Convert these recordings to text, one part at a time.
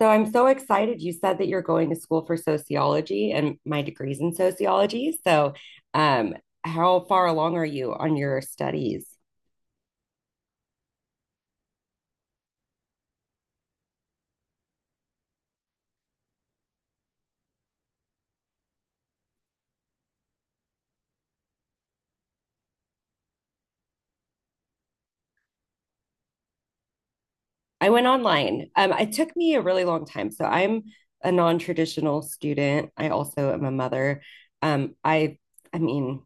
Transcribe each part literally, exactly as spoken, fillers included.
So I'm so excited. You said that you're going to school for sociology, and my degree's in sociology. So, um, how far along are you on your studies? I went online. Um, it took me a really long time. So I'm a non-traditional student. I also am a mother. Um, I, I mean,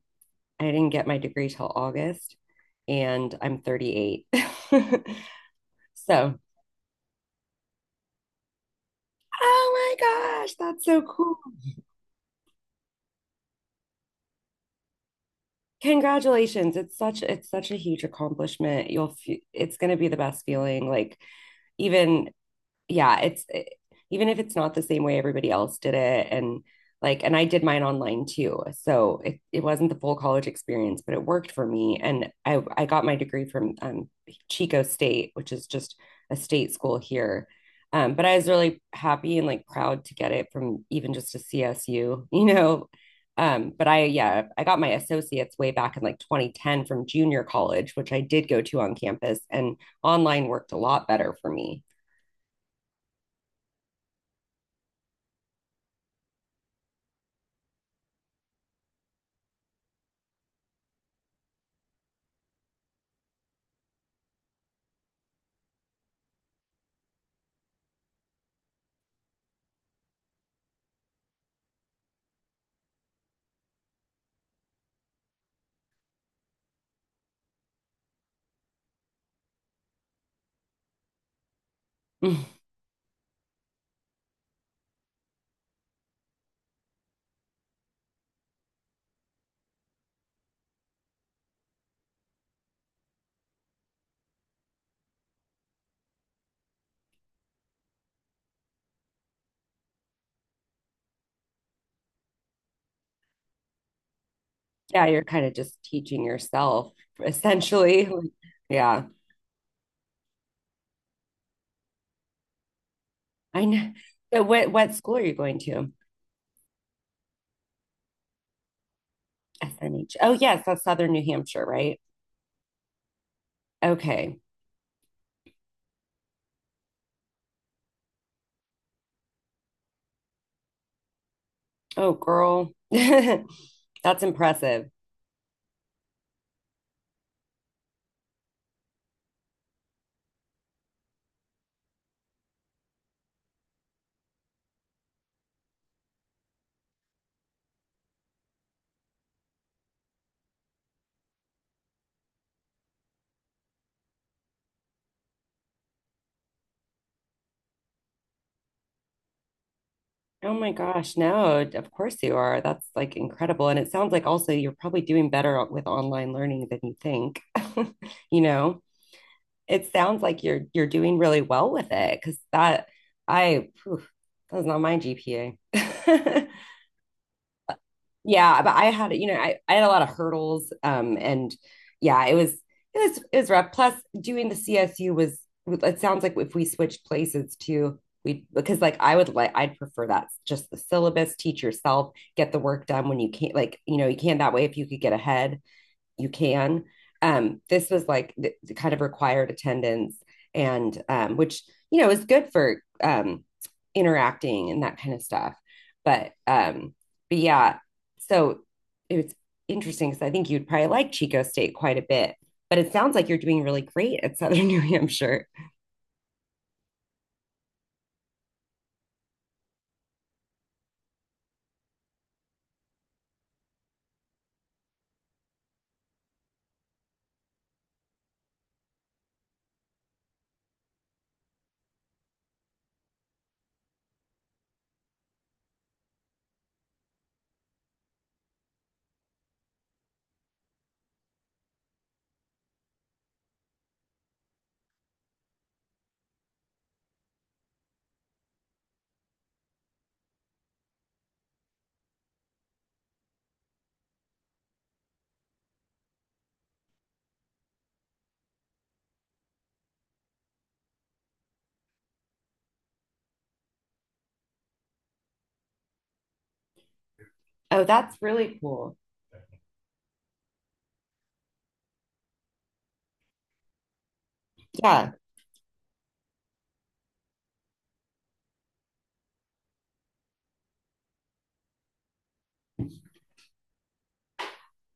I didn't get my degree till August, and I'm thirty-eight. So, oh my gosh, that's so cool. Congratulations. It's such it's such a huge accomplishment. You'll f- it's going to be the best feeling. Like even yeah, it's it, even if it's not the same way everybody else did it. And like, and I did mine online too. So it, it wasn't the full college experience, but it worked for me, and I I got my degree from um Chico State, which is just a state school here. Um, but I was really happy and like proud to get it from even just a C S U, you know. Um, but I, yeah, I got my associates way back in like twenty ten from junior college, which I did go to on campus, and online worked a lot better for me. Mm. Yeah, you're kind of just teaching yourself essentially. Like, yeah, I know. So what what school are you going to? S N H. Oh yes, that's Southern New Hampshire, right? Okay. Oh girl. That's impressive. Oh my gosh, no, of course you are. That's like incredible. And it sounds like also you're probably doing better with online learning than you think. You know, it sounds like you're you're doing really well with it, because that, I phew, that was not my G P A. Yeah, but I had, you know, I, I had a lot of hurdles. Um, and yeah, it was, it was, it was rough. Plus doing the C S U was, it sounds like if we switched places too, we, because like I would like, I'd prefer that just the syllabus, teach yourself, get the work done when you can't, like, you know, you can that way. If you could get ahead, you can. Um, this was like the, the kind of required attendance, and um, which you know is good for um, interacting and that kind of stuff. But um, but yeah, so it was interesting because I think you'd probably like Chico State quite a bit. But it sounds like you're doing really great at Southern New Hampshire. Oh, that's really cool. Yeah.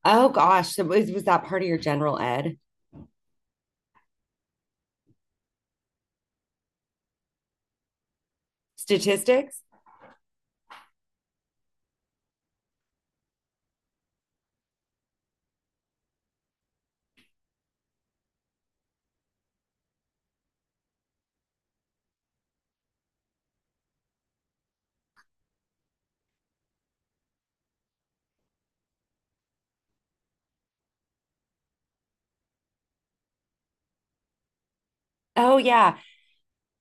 Oh gosh, so was, was that part of your general ed? Statistics? Oh yeah.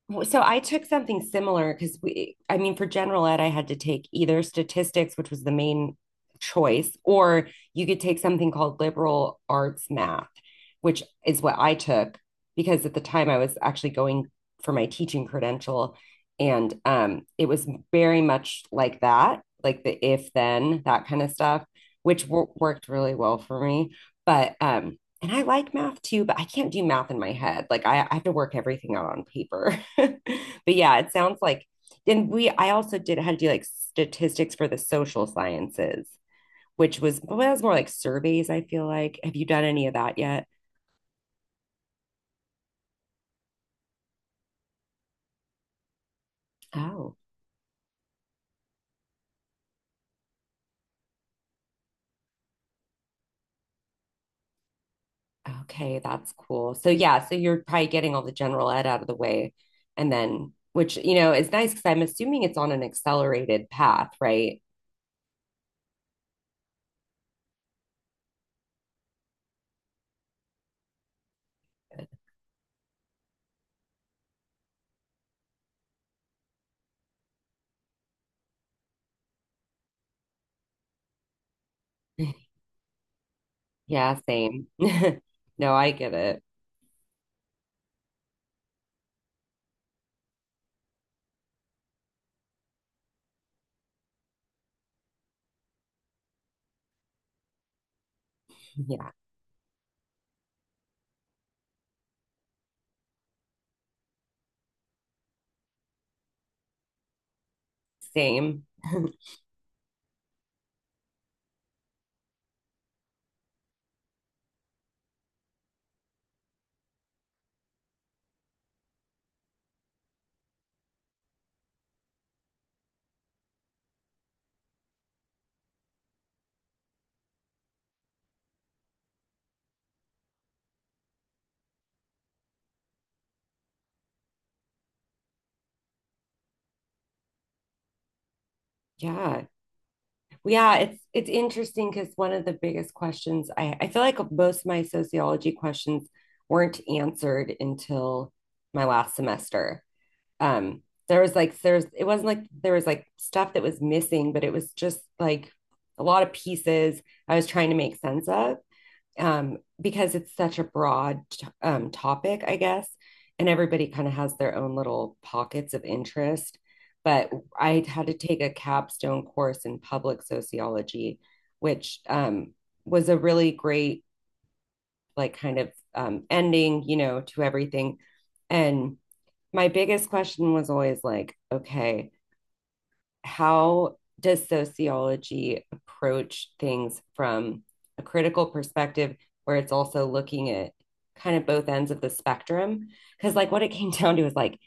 Well, so I took something similar because we, I mean, for general ed, I had to take either statistics, which was the main choice, or you could take something called liberal arts math, which is what I took, because at the time I was actually going for my teaching credential. And um, it was very much like that, like the if then, that kind of stuff, which wor- worked really well for me. But, um, and I like math too, but I can't do math in my head. Like I, I have to work everything out on paper. But yeah, it sounds like, and we, I also did had to do like statistics for the social sciences, which was, well, that was more like surveys, I feel like. Have you done any of that yet? Oh, okay, that's cool. So yeah, so you're probably getting all the general ed out of the way, and then, which you know is nice because I'm assuming it's on an accelerated path, right? Yeah, same. No, I get it. Yeah, same. Yeah. Well, yeah, it's it's interesting because one of the biggest questions, I, I feel like most of my sociology questions weren't answered until my last semester. Um, there was like there's it wasn't like there was like stuff that was missing, but it was just like a lot of pieces I was trying to make sense of. Um, because it's such a broad um, topic, I guess, and everybody kind of has their own little pockets of interest. But I had to take a capstone course in public sociology, which um, was a really great, like, kind of um, ending, you know, to everything. And my biggest question was always like, okay, how does sociology approach things from a critical perspective where it's also looking at kind of both ends of the spectrum? Because like what it came down to is like,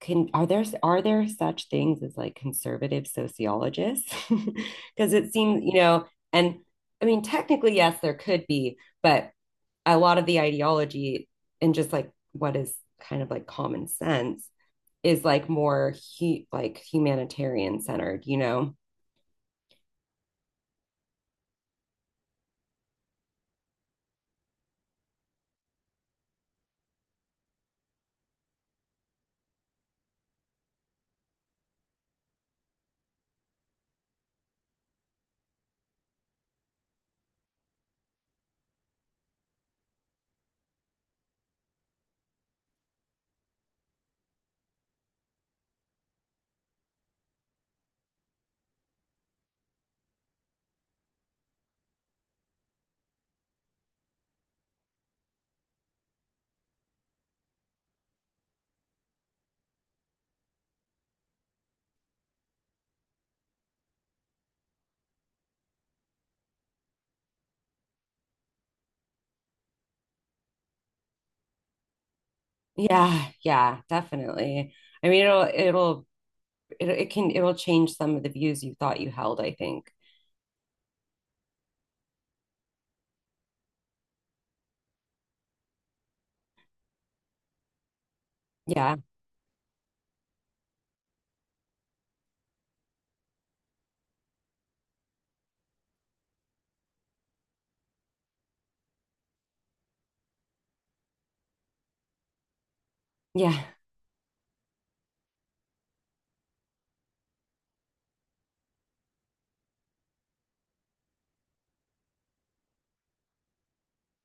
can are there, are there such things as like conservative sociologists? Because it seems, you know, and I mean, technically, yes, there could be, but a lot of the ideology and just like what is kind of like common sense is like more he like humanitarian centered, you know? Yeah, yeah, definitely. I mean, it'll it'll it, it can, it'll change some of the views you thought you held, I think. Yeah. Yeah,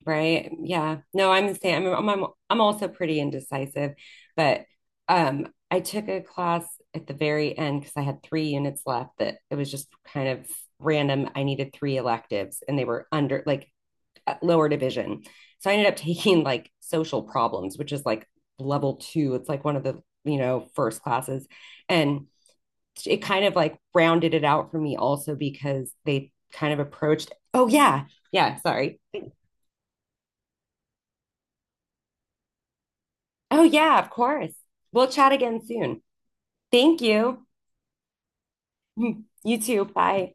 right. Yeah. No, I'm the same. I'm I'm I'm also pretty indecisive, but um I took a class at the very end because I had three units left that it was just kind of random. I needed three electives and they were under like lower division. So I ended up taking like social problems, which is like level two. It's like one of the, you know, first classes. And it kind of like rounded it out for me also because they kind of approached, oh, yeah, yeah, sorry. Oh, yeah, of course. We'll chat again soon. Thank you. You too. Bye.